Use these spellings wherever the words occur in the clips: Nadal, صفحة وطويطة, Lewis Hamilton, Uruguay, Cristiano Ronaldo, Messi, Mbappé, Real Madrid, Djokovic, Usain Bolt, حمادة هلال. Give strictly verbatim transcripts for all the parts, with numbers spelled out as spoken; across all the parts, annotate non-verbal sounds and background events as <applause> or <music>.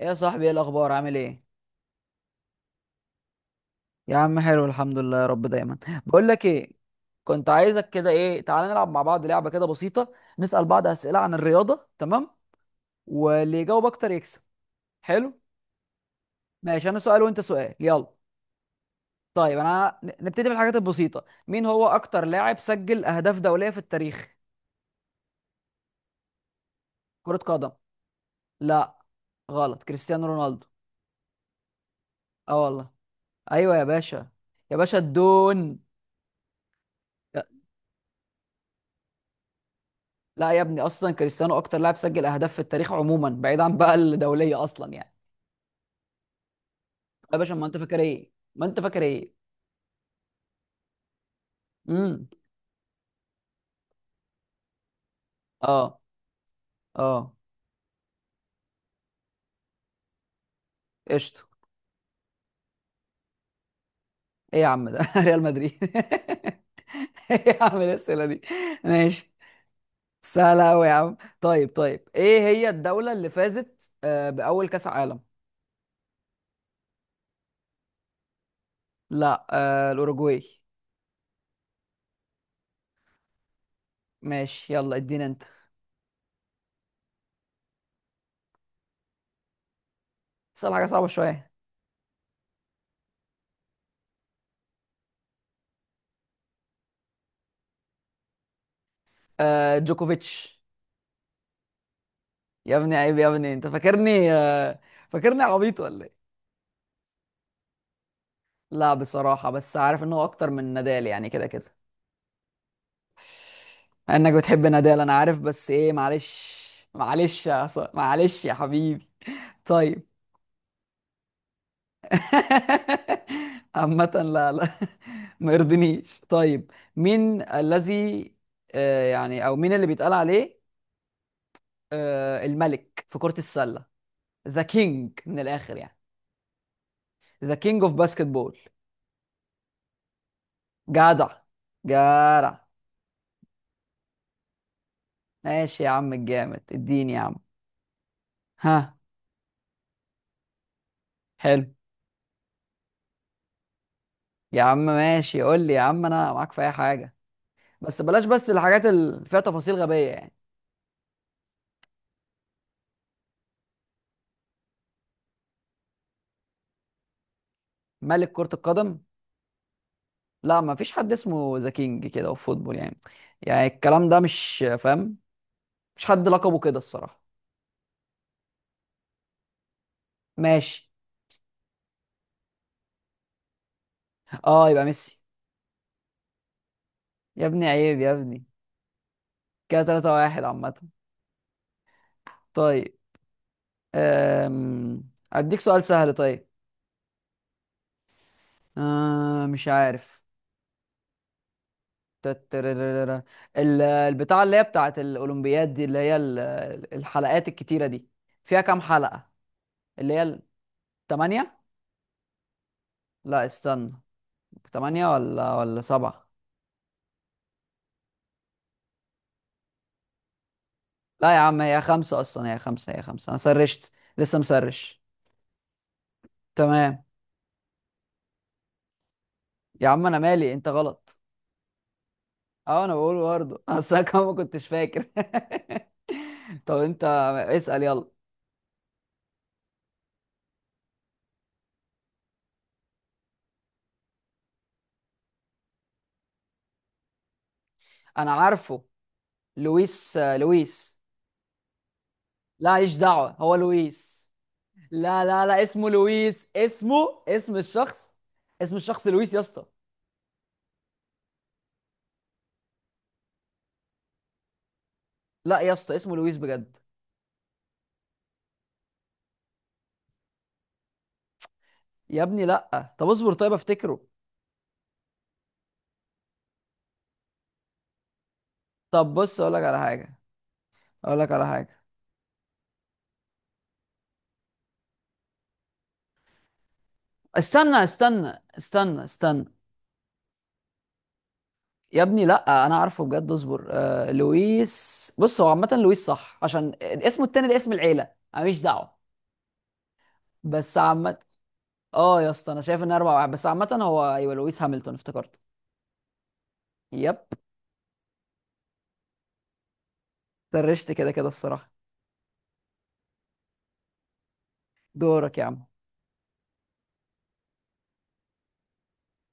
ايه يا صاحبي، ايه الاخبار؟ عامل ايه؟ يا عم حلو الحمد لله، يا رب دايما. بقول لك ايه، كنت عايزك كده. ايه، تعالى نلعب مع بعض لعبه كده بسيطه. نسال بعض اسئله عن الرياضه، تمام؟ واللي يجاوب اكتر يكسب. حلو. ماشي، انا سؤال وانت سؤال، يلا. طيب، انا ن- نبتدي بالحاجات البسيطه. مين هو اكتر لاعب سجل اهداف دوليه في التاريخ؟ كره قدم. لا. غلط، كريستيانو رونالدو. اه والله. ايوه يا باشا. يا باشا الدون. لا يا ابني، اصلا كريستيانو اكتر لاعب سجل اهداف في التاريخ عموما، بعيد عن بقى الدوليه اصلا يعني. يا باشا، ما انت فاكر ايه، ما انت فاكر ايه. امم اه. اه. قشطه. ايه يا عم ده <laughs> ريال مدريد <laughs> ايه يا عم الاسئله دي؟ ماشي. سهله قوي يا عم. طيب طيب، ايه هي الدوله اللي فازت آه باول كاس عالم؟ لا، آه الاوروجواي. ماشي، يلا ادينا انت. اسال حاجه صعبه شويه. آه جوكوفيتش. يا ابني عيب، يا ابني، انت فاكرني آه فاكرني عبيط ولا ايه؟ لا بصراحة، بس عارف ان هو اكتر من نادال يعني، كده كده. مع انك بتحب نادال انا عارف، بس ايه معلش. معلش يا ص... معلش يا حبيبي. طيب. <laughs> عامة لا، لا. <laughs> ما يرضنيش. طيب، مين الذي آه يعني، او مين اللي بيتقال عليه آه الملك في كرة السلة؟ ذا كينج من الاخر يعني، ذا كينج اوف باسكت بول. جدع. جدع. ماشي يا عم الجامد، اديني يا عم. ها. حلو. يا عم ماشي، قول لي يا عم، انا معاك في اي حاجه. بس بلاش، بس الحاجات اللي فيها تفاصيل غبيه يعني. ملك كره القدم. لا، ما فيش حد اسمه ذا كينج كده في فوتبول يعني. يعني الكلام ده مش فاهم. مش حد لقبه كده الصراحه. ماشي. اه يبقى ميسي. يا ابني عيب يا ابني. كده ثلاثة واحد عامه. طيب. أم... اديك سؤال سهل، طيب. آه مش عارف. تتررررر. ال- البتاعة اللي هي بتاعت الأولمبياد دي، اللي هي ال- الحلقات الكتيرة دي، فيها كام حلقة؟ اللي هي التمانية؟ لا استنى، تمانية ولا ولا سبعة؟ لا يا عم، هي خمسة أصلا، هي خمسة، هي خمسة. أنا سرشت. لسه مسرش. تمام. يا عم أنا مالي، أنت غلط. أه، أنا بقول برضه <laughs> أصل أنا كمان ما كنتش فاكر. <laughs> طب أنت اسأل، يلا. أنا عارفه، لويس لويس. لا ماليش دعوة، هو لويس. لا لا لا، اسمه لويس، اسمه اسم الشخص. اسم الشخص لويس يا اسطى. لا يا اسطى، اسمه لويس بجد. يا ابني لا، طب اصبر، طيب افتكره. طب بص، اقول لك على حاجه. اقول لك على حاجه. استنى استنى استنى استنى. يا ابني لا، انا عارفه بجد، اصبر. آه لويس، بص هو عامه لويس صح، عشان اسمه التاني ده اسم العيله، انا ماليش دعوه. بس عامه. اه يا اسطى، انا شايف ان اربع واحد بس عامه. هو ايوه لويس هامilton، افتكرت. يب. درشت كده كده الصراحه. دورك يا عم.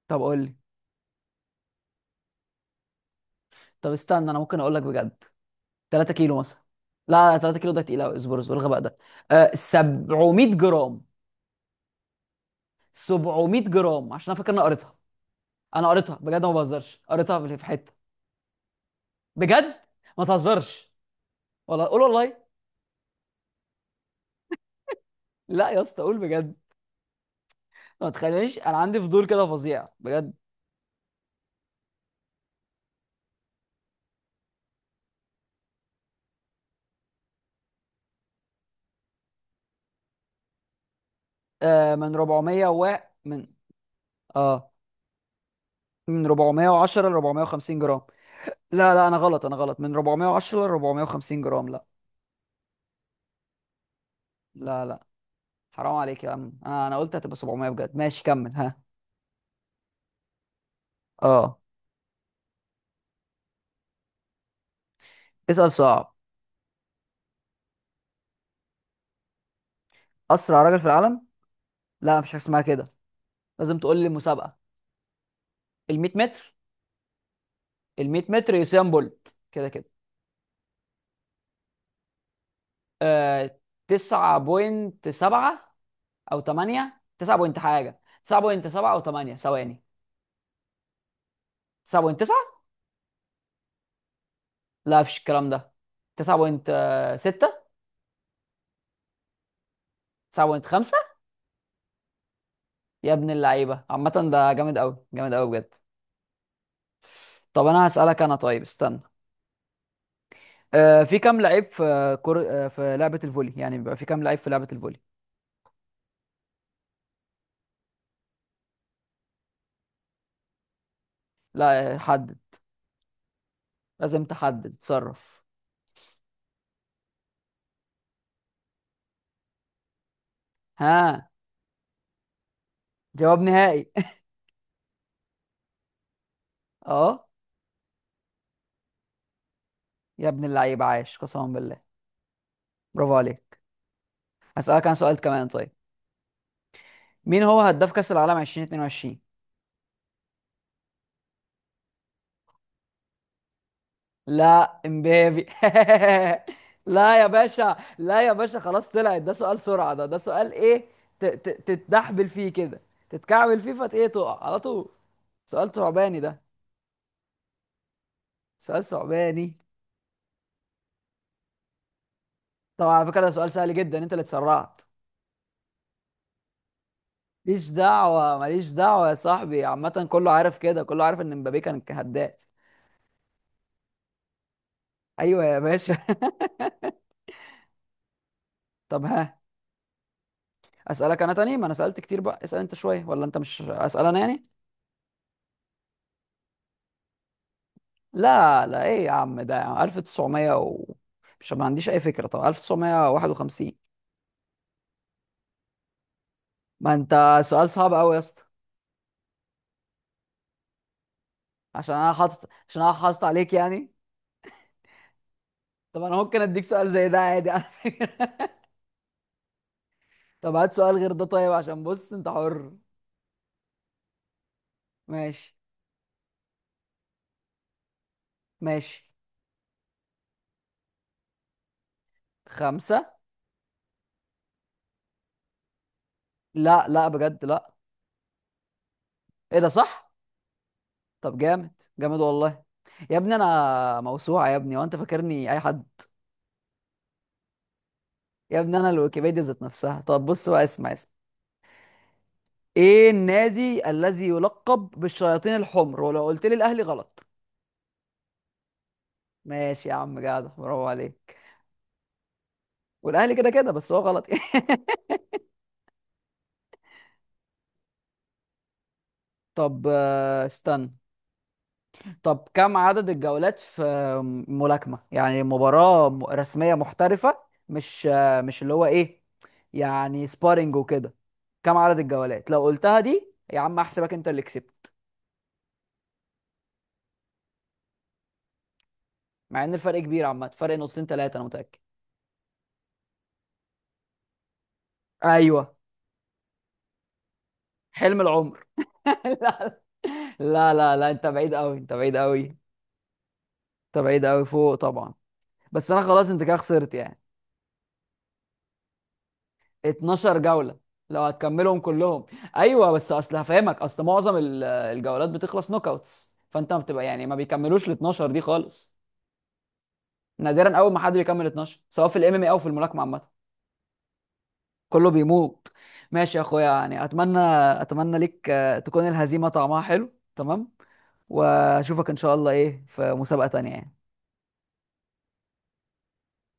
طب قول لي. طب استنى، انا ممكن اقول لك بجد. ثلاثة كيلو مثلا. لا لا، تلاتة كيلو ده تقيل قوي. اصبر اصبر، الغباء ده. آه سبعمائة جرام. سبعمية جرام، عشان انا فاكر اني قريتها. انا قريتها بجد، ما بهزرش، قريتها في في حته. بجد. ما تهزرش. والله قول والله. لا يا اسطى، قول بجد. ما تخلينيش، انا عندي فضول كده فظيع بجد. آه من اربعمية و من اه من أربعمائة وعشرة ل أربعمائة وخمسين جرام. لا لا، انا غلط، انا غلط، من أربعمائة وعشرة ل أربعمائة وخمسين جرام. لا لا لا، حرام عليك يا عم، انا انا قلت هتبقى سبعمائة بجد. ماشي كمل، ها. اه. اسأل صعب. اسرع راجل في العالم؟ لا، مفيش حاجه اسمها كده. لازم تقول لي مسابقه. ال مية متر. ال مية متر، يوسين بولت كده كده. آه تسعة وسبعة، او تمانية تسعة بوينت حاجه. تسعة فاصلة سبعة او تمانية ثواني. تسعة فاصلة تسعة. لا، مفيش الكلام ده. تسعة فاصلة ستة. تسعة فاصلة خمسة. يا ابن اللعيبه عامه، ده جامد قوي، جامد قوي بجد. طب انا هسألك انا، طيب استنى. آه، في كام لعيب في كر... آه، في لعبة الفولي يعني، بيبقى في كام لعيب في لعبة الفولي؟ لا آه، حدد، لازم تحدد، تصرف. ها. جواب نهائي. <laughs> اه. يا ابن اللعيب عاش، قسما بالله. برافو عليك. هسألك عن سؤال كمان، طيب. مين هو هداف كأس العالم ألفين واتنين وعشرين؟ لا، امبابي. <laughs> لا يا باشا، لا يا باشا، خلاص طلعت ده سؤال سرعة، ده ده سؤال ايه، ت... ت... تتدحبل فيه كده، تتكعبل فيه فت ايه، تقع على طول. سؤال ثعباني ده. سؤال ثعباني. طب على فكرة ده سؤال سهل جدا، انت اللي اتسرعت. ماليش دعوة، ماليش دعوة يا صاحبي. عامة كله عارف كده، كله عارف ان مبابي كان هداف. ايوه يا باشا. <laughs> طب ها. اسألك انا تاني، ما انا سألت كتير بقى، اسأل انت شوية، ولا انت مش اسأل انا يعني؟ لا لا، ايه يا عم ده ألف وتسعمائة و... مش، ما عنديش اي فكرة. طب ألف وتسعمية وواحد وخمسين. ما انت سؤال صعب قوي يا اسطى. عشان انا حاطط، عشان انا حاطط عليك يعني. طب انا ممكن اديك سؤال زي ده عادي على فكرة. <laughs> طب هات سؤال غير ده، طيب، عشان بص انت حر. ماشي. ماشي. خمسة. لا لا، بجد لا. ايه ده صح. طب جامد، جامد والله. يا ابني انا موسوعة يا ابني، وانت فاكرني اي حد. يا ابني انا الويكيبيديا ذات نفسها. طب بص بقى، اسمع اسمع. ايه النادي الذي يلقب بالشياطين الحمر؟ ولو قلت لي الاهلي غلط. ماشي يا عم جدع، برافو عليك. والاهلي كده كده، بس هو غلط <laughs> طب آه، استنى. طب كم عدد الجولات في ملاكمة، يعني مباراة م- رسمية محترفة، مش، مش اللي هو ايه يعني، سبارينج وكده. كم عدد الجولات؟ لو قلتها دي يا عم، احسبك انت اللي كسبت، مع ان الفرق كبير عامة، فرق نقطتين ثلاثة انا متأكد. ايوه. حلم العمر. <laughs> لا لا لا لا، انت بعيد قوي، انت بعيد قوي. انت بعيد قوي فوق طبعا. بس انا خلاص انت كده خسرت يعني. اتناشر جولة، لو هتكملهم كلهم. ايوه، بس اصل هفهمك، اصل معظم ال- الجولات بتخلص نوك اوتس، فانت ما بتبقى يعني ما بيكملوش ال اثنا عشر دي خالص. نادرا اول ما حد بيكمل اتناشر، سواء في الام ام اي او في الملاكمة عامة. كله بيموت. ماشي يا اخويا يعني، اتمنى. اتمنى ليك آه، تكون الهزيمة طعمها حلو، تمام. واشوفك ان شاء الله، ايه في مسابقة تانية يعني.